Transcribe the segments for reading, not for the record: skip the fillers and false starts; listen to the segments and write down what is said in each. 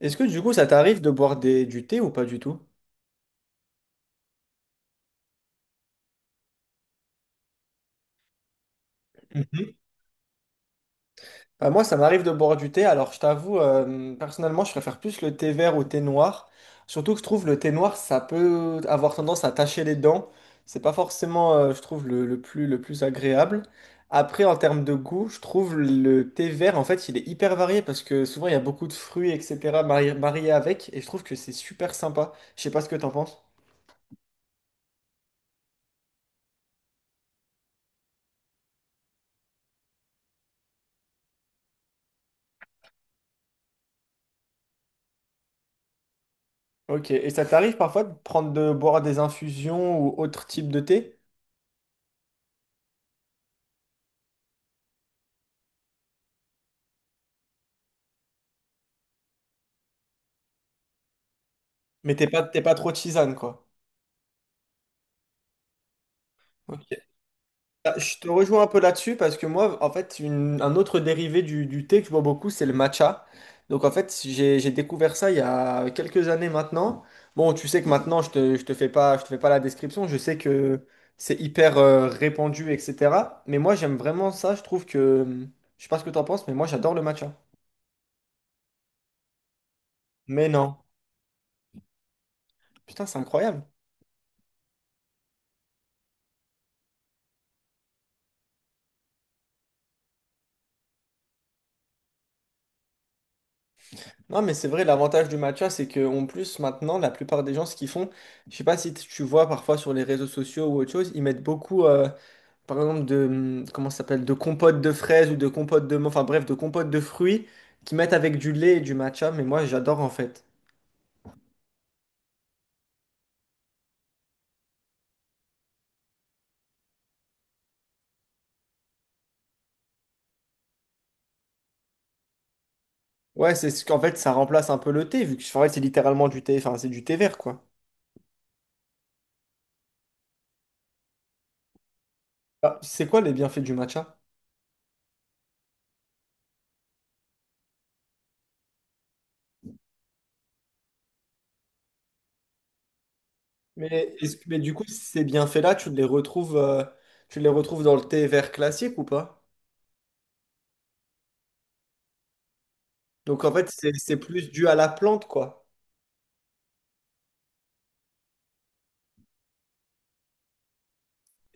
Est-ce que du coup, ça t'arrive de boire du thé ou pas du tout? Mhm. Bah, moi, ça m'arrive de boire du thé. Alors, je t'avoue, personnellement, je préfère plus le thé vert au thé noir. Surtout que je trouve le thé noir, ça peut avoir tendance à tacher les dents. C'est pas forcément, je trouve, le plus agréable. Après, en termes de goût, je trouve le thé vert, en fait, il est hyper varié parce que souvent, il y a beaucoup de fruits, etc., mariés avec. Et je trouve que c'est super sympa. Je sais pas ce que t'en penses. Ok. Et ça t'arrive parfois de prendre de boire des infusions ou autre type de thé? Mais t'es pas trop tisane, quoi. Ok. Ah, je te rejoins un peu là-dessus parce que moi, en fait, un autre dérivé du thé que je bois beaucoup, c'est le matcha. Donc, en fait, j'ai découvert ça il y a quelques années maintenant. Bon, tu sais que maintenant, je te fais pas, je te fais pas la description. Je sais que c'est hyper répandu, etc. Mais moi, j'aime vraiment ça. Je trouve que, je sais pas ce que t'en penses, mais moi, j'adore le matcha. Mais non. Putain, c'est incroyable. Non, mais c'est vrai, l'avantage du matcha, c'est que en plus, maintenant, la plupart des gens, ce qu'ils font, je sais pas si tu vois parfois sur les réseaux sociaux ou autre chose, ils mettent beaucoup, par exemple, de, comment ça s'appelle, de compote de fraises ou de compote de, enfin bref, de compote de fruits qu'ils mettent avec du lait et du matcha, mais moi, j'adore en fait. Ouais, c'est ce qu'en fait, ça remplace un peu le thé, vu que en fait, c'est littéralement du thé, enfin, c'est du thé vert, quoi. Ah, c'est quoi les bienfaits du matcha? Mais, mais du coup, ces bienfaits-là, tu les retrouves dans le thé vert classique ou pas? Donc en fait, c'est plus dû à la plante, quoi.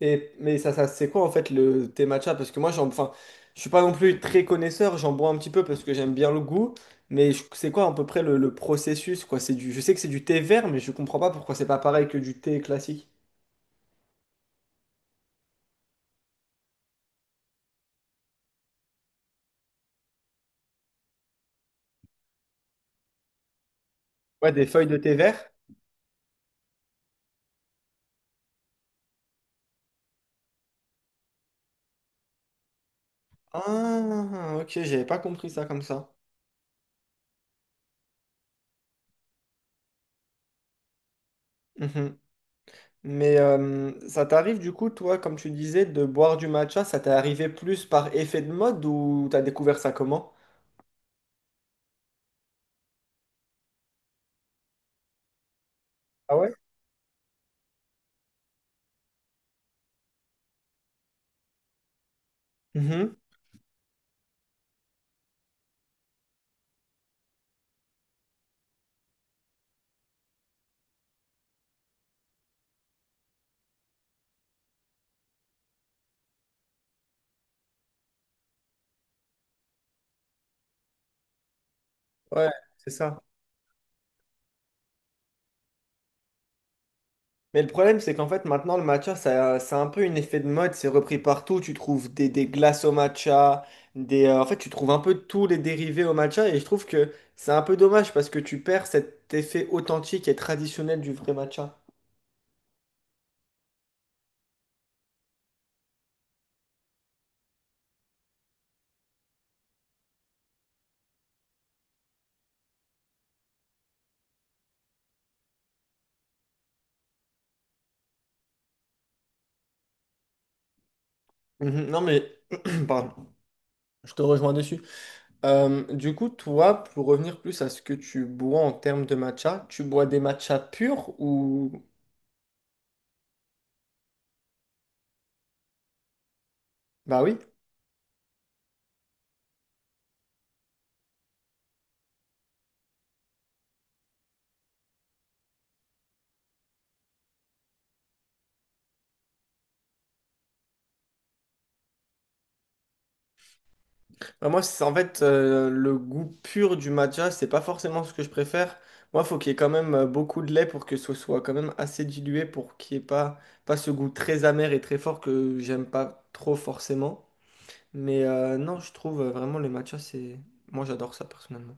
Et, mais ça c'est quoi en fait le thé matcha? Parce que moi, enfin, je suis pas non plus très connaisseur, j'en bois un petit peu parce que j'aime bien le goût, mais c'est quoi à peu près le processus, quoi? C'est du, je sais que c'est du thé vert, mais je comprends pas pourquoi c'est pas pareil que du thé classique. Ouais, des feuilles de thé vert. Ah, ok, j'avais pas compris ça comme ça. Mhm. Mais ça t'arrive du coup, toi, comme tu disais, de boire du matcha, ça t'est arrivé plus par effet de mode ou t'as découvert ça comment? Ah ouais? Ouais, c'est ça. Mais le problème, c'est qu'en fait, maintenant, le matcha, ça, c'est un peu une effet de mode. C'est repris partout. Tu trouves des glaces au matcha. Des, en fait, tu trouves un peu tous les dérivés au matcha. Et je trouve que c'est un peu dommage parce que tu perds cet effet authentique et traditionnel du vrai matcha. Mhm. Non mais, pardon, je te rejoins dessus. Du coup, toi, pour revenir plus à ce que tu bois en termes de matcha, tu bois des matchas purs ou... Bah oui. Bah moi, c'est en fait le goût pur du matcha, c'est pas forcément ce que je préfère. Moi, faut qu'il y ait quand même beaucoup de lait pour que ce soit quand même assez dilué pour qu'il n'y ait pas, pas ce goût très amer et très fort que j'aime pas trop forcément. Mais non, je trouve vraiment le matcha, c'est... Moi, j'adore ça personnellement.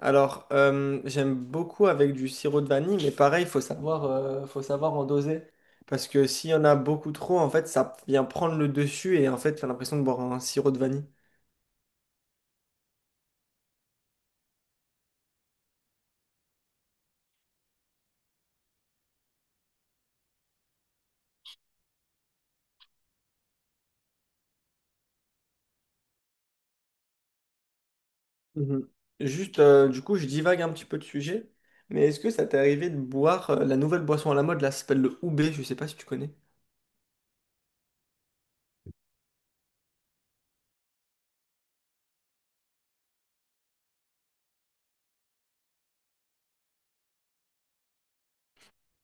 Alors, j'aime beaucoup avec du sirop de vanille, mais pareil, il faut savoir en doser. Parce que s'il y en a beaucoup trop, en fait, ça vient prendre le dessus et en fait, t'as l'impression de boire un sirop de vanille. Mhm. Juste, du coup, je divague un petit peu de sujet, mais est-ce que ça t'est arrivé de boire la nouvelle boisson à la mode, là, ça s'appelle le Oubé, je sais pas si tu connais.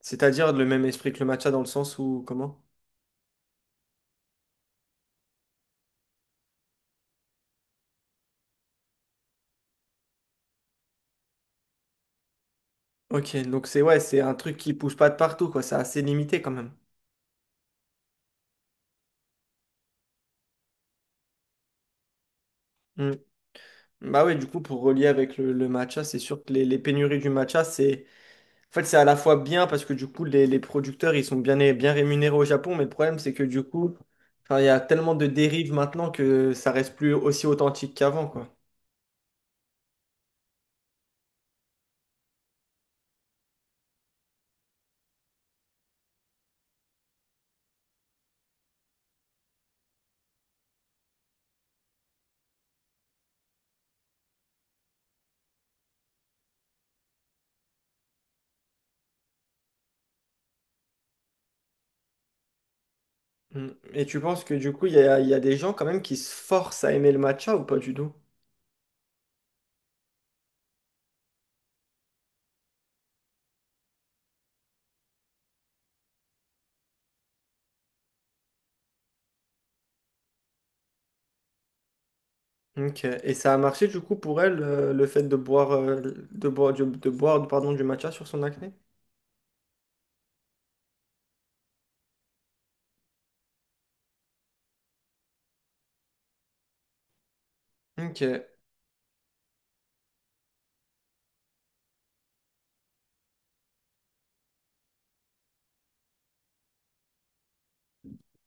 C'est-à-dire le même esprit que le matcha dans le sens où, comment? Ok, donc c'est ouais, c'est un truc qui pousse pas de partout, quoi, c'est assez limité quand même. Bah ouais, du coup, pour relier avec le matcha, c'est sûr que les pénuries du matcha, c'est en fait, c'est à la fois bien parce que du coup, les producteurs, ils sont bien, bien rémunérés au Japon, mais le problème, c'est que du coup, enfin, il y a tellement de dérives maintenant que ça reste plus aussi authentique qu'avant, quoi. Mm. Et tu penses que du coup, il y a des gens quand même qui se forcent à aimer le matcha ou pas du tout? Ok. Et ça a marché du coup pour elle, le fait de boire, de boire, de boire, pardon, du matcha sur son acné? Ok.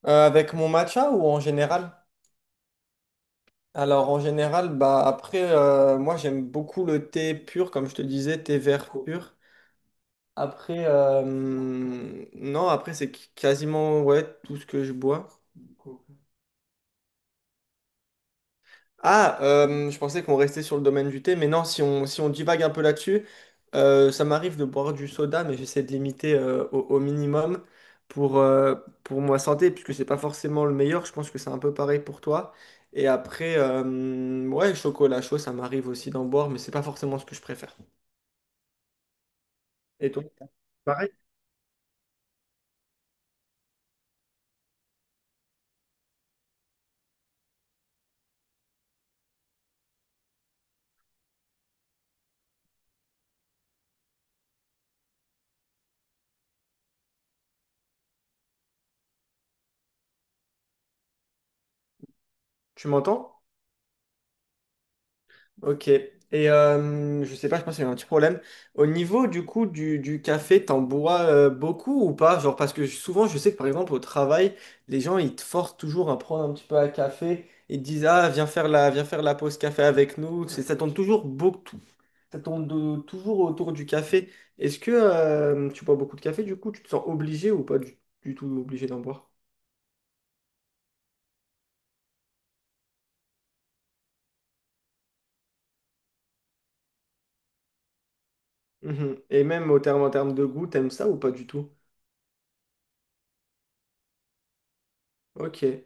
Avec mon matcha ou en général? Alors en général, bah après, moi j'aime beaucoup le thé pur, comme je te disais, thé vert pur. Après, non, après c'est quasiment ouais, tout ce que je bois. Ah, je pensais qu'on restait sur le domaine du thé, mais non, si on divague un peu là-dessus, ça m'arrive de boire du soda, mais j'essaie de limiter au minimum pour, euh, pour ma santé, puisque c'est pas forcément le meilleur. Je pense que c'est un peu pareil pour toi. Et après, ouais, chocolat chaud, ça m'arrive aussi d'en boire, mais c'est pas forcément ce que je préfère. Et toi, pareil, tu m'entends? Ok. Et je sais pas, je pense qu'il y a un petit problème. Au niveau du coup du café, t'en bois beaucoup ou pas? Genre parce que souvent je sais que par exemple au travail, les gens ils te forcent toujours à prendre un petit peu à café et te disent ah viens faire la pause café avec nous. Ça tourne toujours beaucoup, ça tourne toujours autour du café. Est-ce que tu bois beaucoup de café du coup? Tu te sens obligé ou pas du tout obligé d'en boire? Mhm. Et même au terme en termes de goût, t'aimes ça ou pas du tout? Ok.